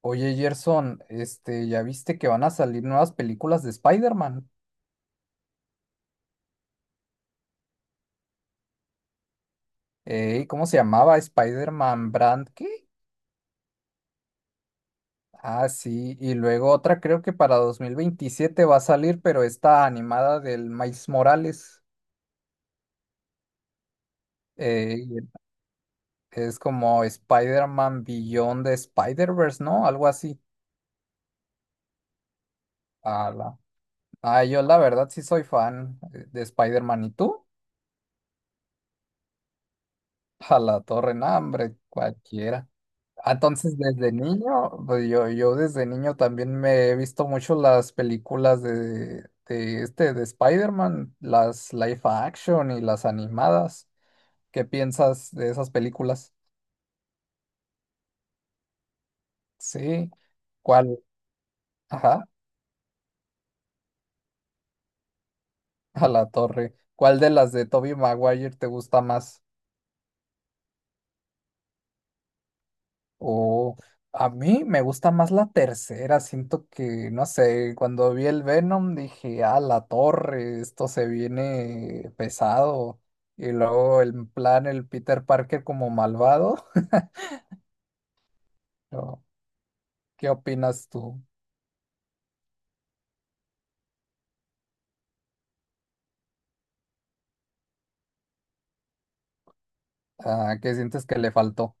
Oye, Gerson, ¿ya viste que van a salir nuevas películas de Spider-Man? Ey, ¿cómo se llamaba? ¿Spider-Man Brand qué? Ah, sí, y luego otra creo que para 2027 va a salir, pero está animada del Miles Morales. Ey, es como Spider-Man Beyond the Spider-Verse, ¿no? Algo así. Ala. Ah, yo la verdad sí soy fan de Spider-Man, ¿y tú? A la torre, no, hombre, cualquiera. Ah, entonces, desde niño, pues yo desde niño también me he visto mucho las películas de Spider-Man, las live action y las animadas. ¿Qué piensas de esas películas? Sí. ¿Cuál? Ajá, a la torre. ¿Cuál de las de Tobey Maguire te gusta más? O a mí me gusta más la tercera, siento que, no sé, cuando vi el Venom dije, ah, la torre, esto se viene pesado. Y luego el plan, el Peter Parker como malvado. ¿No? ¿Qué opinas tú? Ah, ¿qué sientes que le faltó?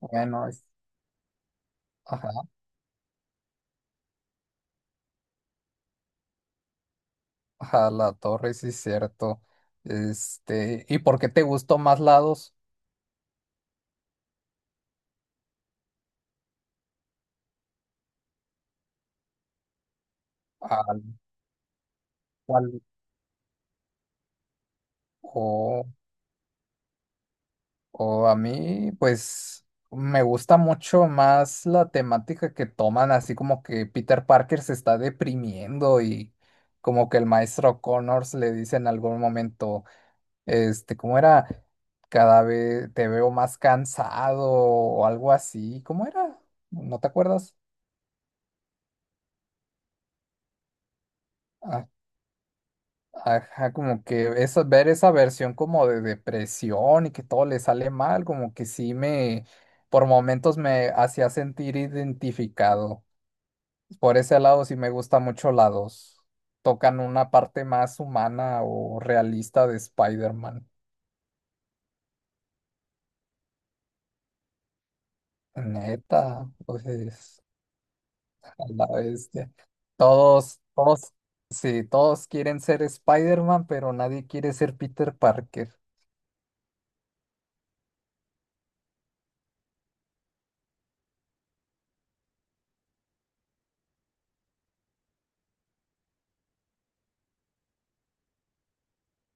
Bueno, ajá, ajá, la torre, sí, cierto. ¿Y por qué te gustó más lados? ¿Al cual? O a mí, pues, me gusta mucho más la temática que toman, así como que Peter Parker se está deprimiendo y como que el maestro Connors le dice en algún momento, ¿cómo era? Cada vez te veo más cansado o algo así. ¿Cómo era? ¿No te acuerdas? Ah, ajá, como que esa, ver esa versión como de depresión y que todo le sale mal, como que sí me, por momentos me hacía sentir identificado. Por ese lado sí me gusta mucho la dos. Tocan una parte más humana o realista de Spider-Man. Neta, pues a la bestia. Todos, todos, sí, todos quieren ser Spider-Man, pero nadie quiere ser Peter Parker.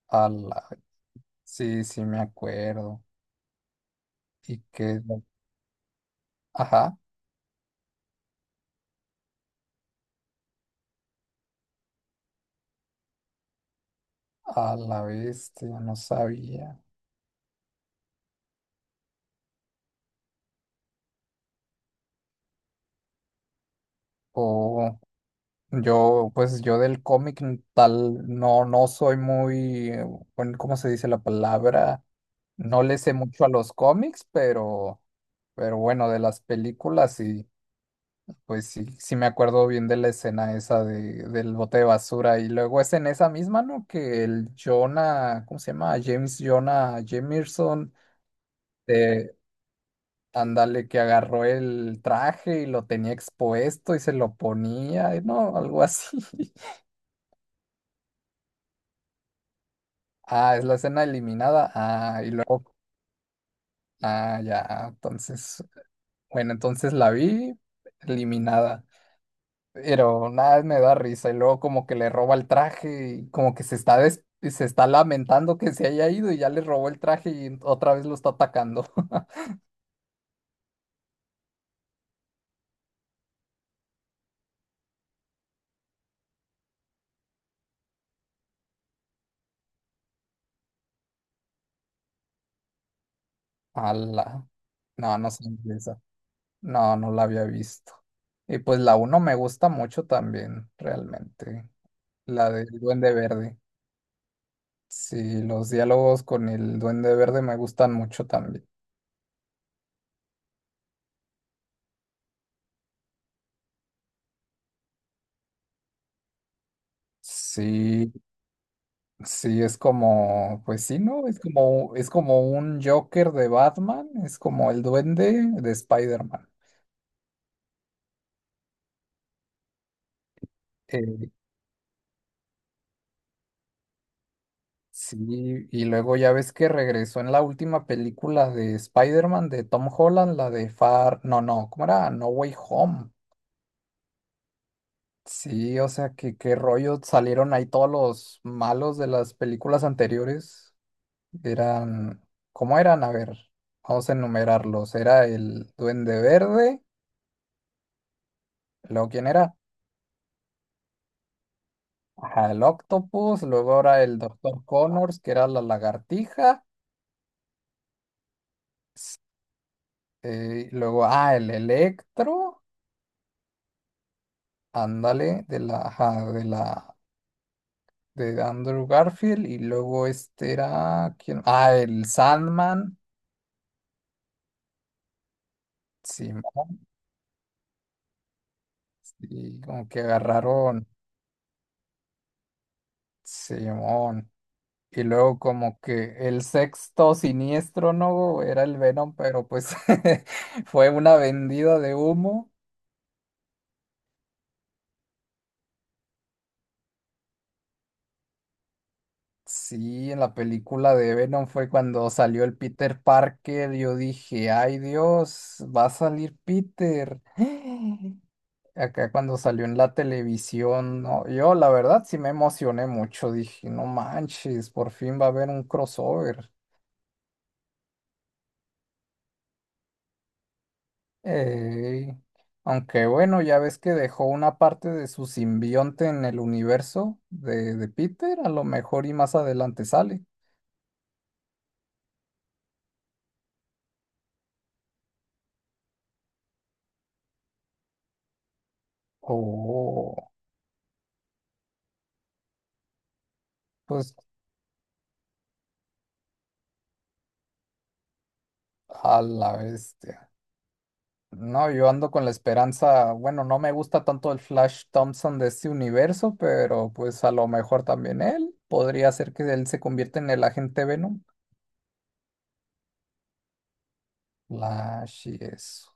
A la, sí, sí me acuerdo. Y que, ajá, a la bestia, no sabía. Oh. Yo, pues yo del cómic no, no soy muy, bueno, ¿cómo se dice la palabra? No le sé mucho a los cómics, pero bueno, de las películas y pues sí, sí me acuerdo bien de la escena esa del bote de basura. Y luego es en esa misma, ¿no? Que el Jonah, ¿cómo se llama? James Jonah Jameson, de, ándale, que agarró el traje y lo tenía expuesto y se lo ponía, y ¿no? Algo así. Ah, es la escena eliminada. Ah, y luego. Ah, ya. Entonces. Bueno, entonces la vi eliminada. Pero nada, me da risa. Y luego como que le roba el traje y como que se está lamentando que se haya ido y ya le robó el traje y otra vez lo está atacando. Ala. No, no sé de esa. No, no la había visto. Y pues la uno me gusta mucho también, realmente. La del Duende Verde. Sí, los diálogos con el Duende Verde me gustan mucho también. Sí, sí, es como, pues sí, ¿no? Es como un Joker de Batman, es como el Duende de Spider-Man. Eh, sí, y luego ya ves que regresó en la última película de Spider-Man de Tom Holland, la de Far, no, no, ¿cómo era? No Way Home. Sí, o sea, que qué rollo salieron ahí todos los malos de las películas anteriores. Eran, ¿cómo eran? A ver, vamos a enumerarlos. Era el Duende Verde, luego ¿quién era? Ajá, el Octopus, luego ahora el Doctor Connors, que era la lagartija, luego, ah, el Electro, ándale, de la, ajá, de la, de Andrew Garfield, y luego este era, ¿quién? Ah, el Sandman, simón, y como que agarraron, simón. Y luego como que el sexto siniestro, ¿no? Era el Venom, pero pues fue una vendida de humo. Sí, en la película de Venom fue cuando salió el Peter Parker. Yo dije, ay Dios, va a salir Peter. Acá cuando salió en la televisión, no, yo la verdad sí me emocioné mucho. Dije, no manches, por fin va a haber un crossover. Ey, aunque bueno, ya ves que dejó una parte de su simbionte en el universo de Peter, a lo mejor y más adelante sale. Oh, pues a la bestia. No, yo ando con la esperanza, bueno, no me gusta tanto el Flash Thompson de este universo, pero pues a lo mejor también él. Podría ser que él se convierta en el agente Venom. Flash y eso.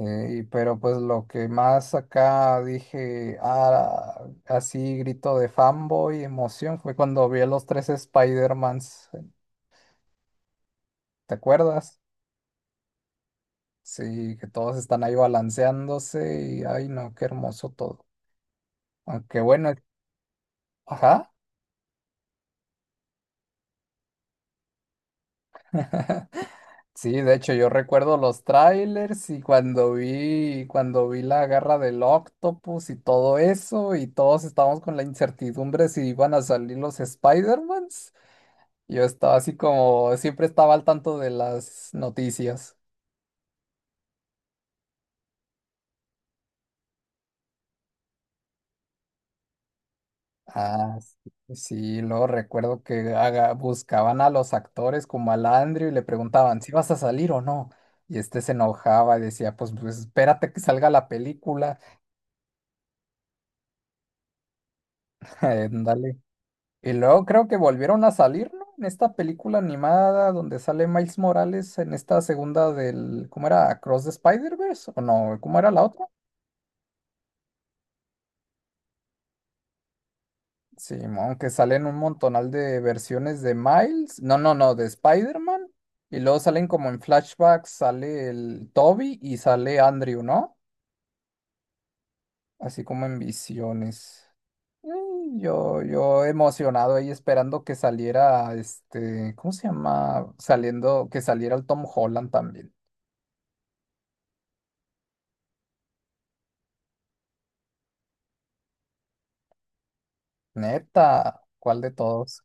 Pero pues lo que más acá dije, ah, así grito de fanboy, emoción, fue cuando vi a los tres Spider-Mans, ¿te acuerdas? Sí, que todos están ahí balanceándose y ay no, qué hermoso todo. Aunque bueno, ajá. Sí, de hecho yo recuerdo los trailers y cuando vi la garra del Octopus y todo eso y todos estábamos con la incertidumbre si iban a salir los Spider-Mans. Yo estaba así como, siempre estaba al tanto de las noticias. Ah, sí, sí, luego recuerdo que buscaban a los actores como al Andrew y le preguntaban si vas a salir o no. Y este se enojaba y decía, pues, espérate que salga la película. Dale. Y luego creo que volvieron a salir, ¿no? En esta película animada donde sale Miles Morales en esta segunda del, ¿cómo era? Across the Spider-Verse, ¿o no? ¿Cómo era la otra? Sí, aunque salen un montonal de versiones de Miles, no, no, no, de Spider-Man, y luego salen como en flashbacks, sale el Toby y sale Andrew, ¿no? Así como en visiones. Mm, yo emocionado ahí esperando que saliera, ¿cómo se llama? Saliendo, que saliera el Tom Holland también. Neta, ¿cuál de todos?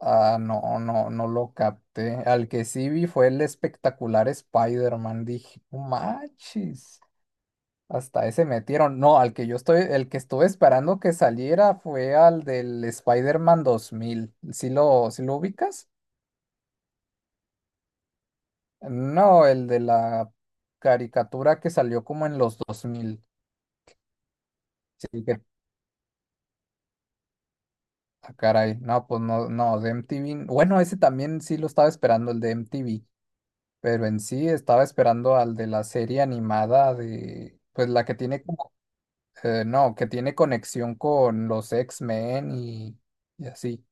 Ah, no lo capté. Al que sí vi fue el espectacular Spider-Man. Dije, "No manches. Hasta ese metieron. No, al que yo estoy, el que estuve esperando que saliera fue al del Spider-Man 2000. Sí lo ubicas? No, el de la caricatura que salió como en los 2000. Sí, que, ah, caray. No, pues no, no, de MTV. Bueno, ese también sí lo estaba esperando, el de MTV. Pero en sí estaba esperando al de la serie animada de, pues la que tiene como, no, que tiene conexión con los X-Men y así,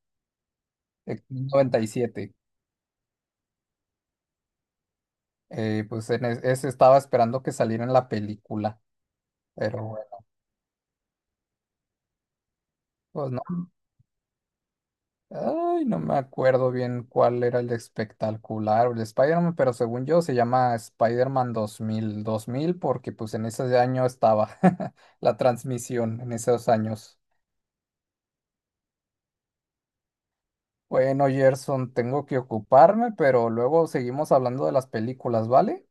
X-Men 97. Pues en ese estaba esperando que saliera en la película, pero bueno, pues no. Ay, no me acuerdo bien cuál era el espectacular o el Spider-Man, pero según yo se llama Spider-Man dos mil dos mil porque pues en ese año estaba la transmisión, en esos años. Bueno, Gerson, tengo que ocuparme, pero luego seguimos hablando de las películas, ¿vale?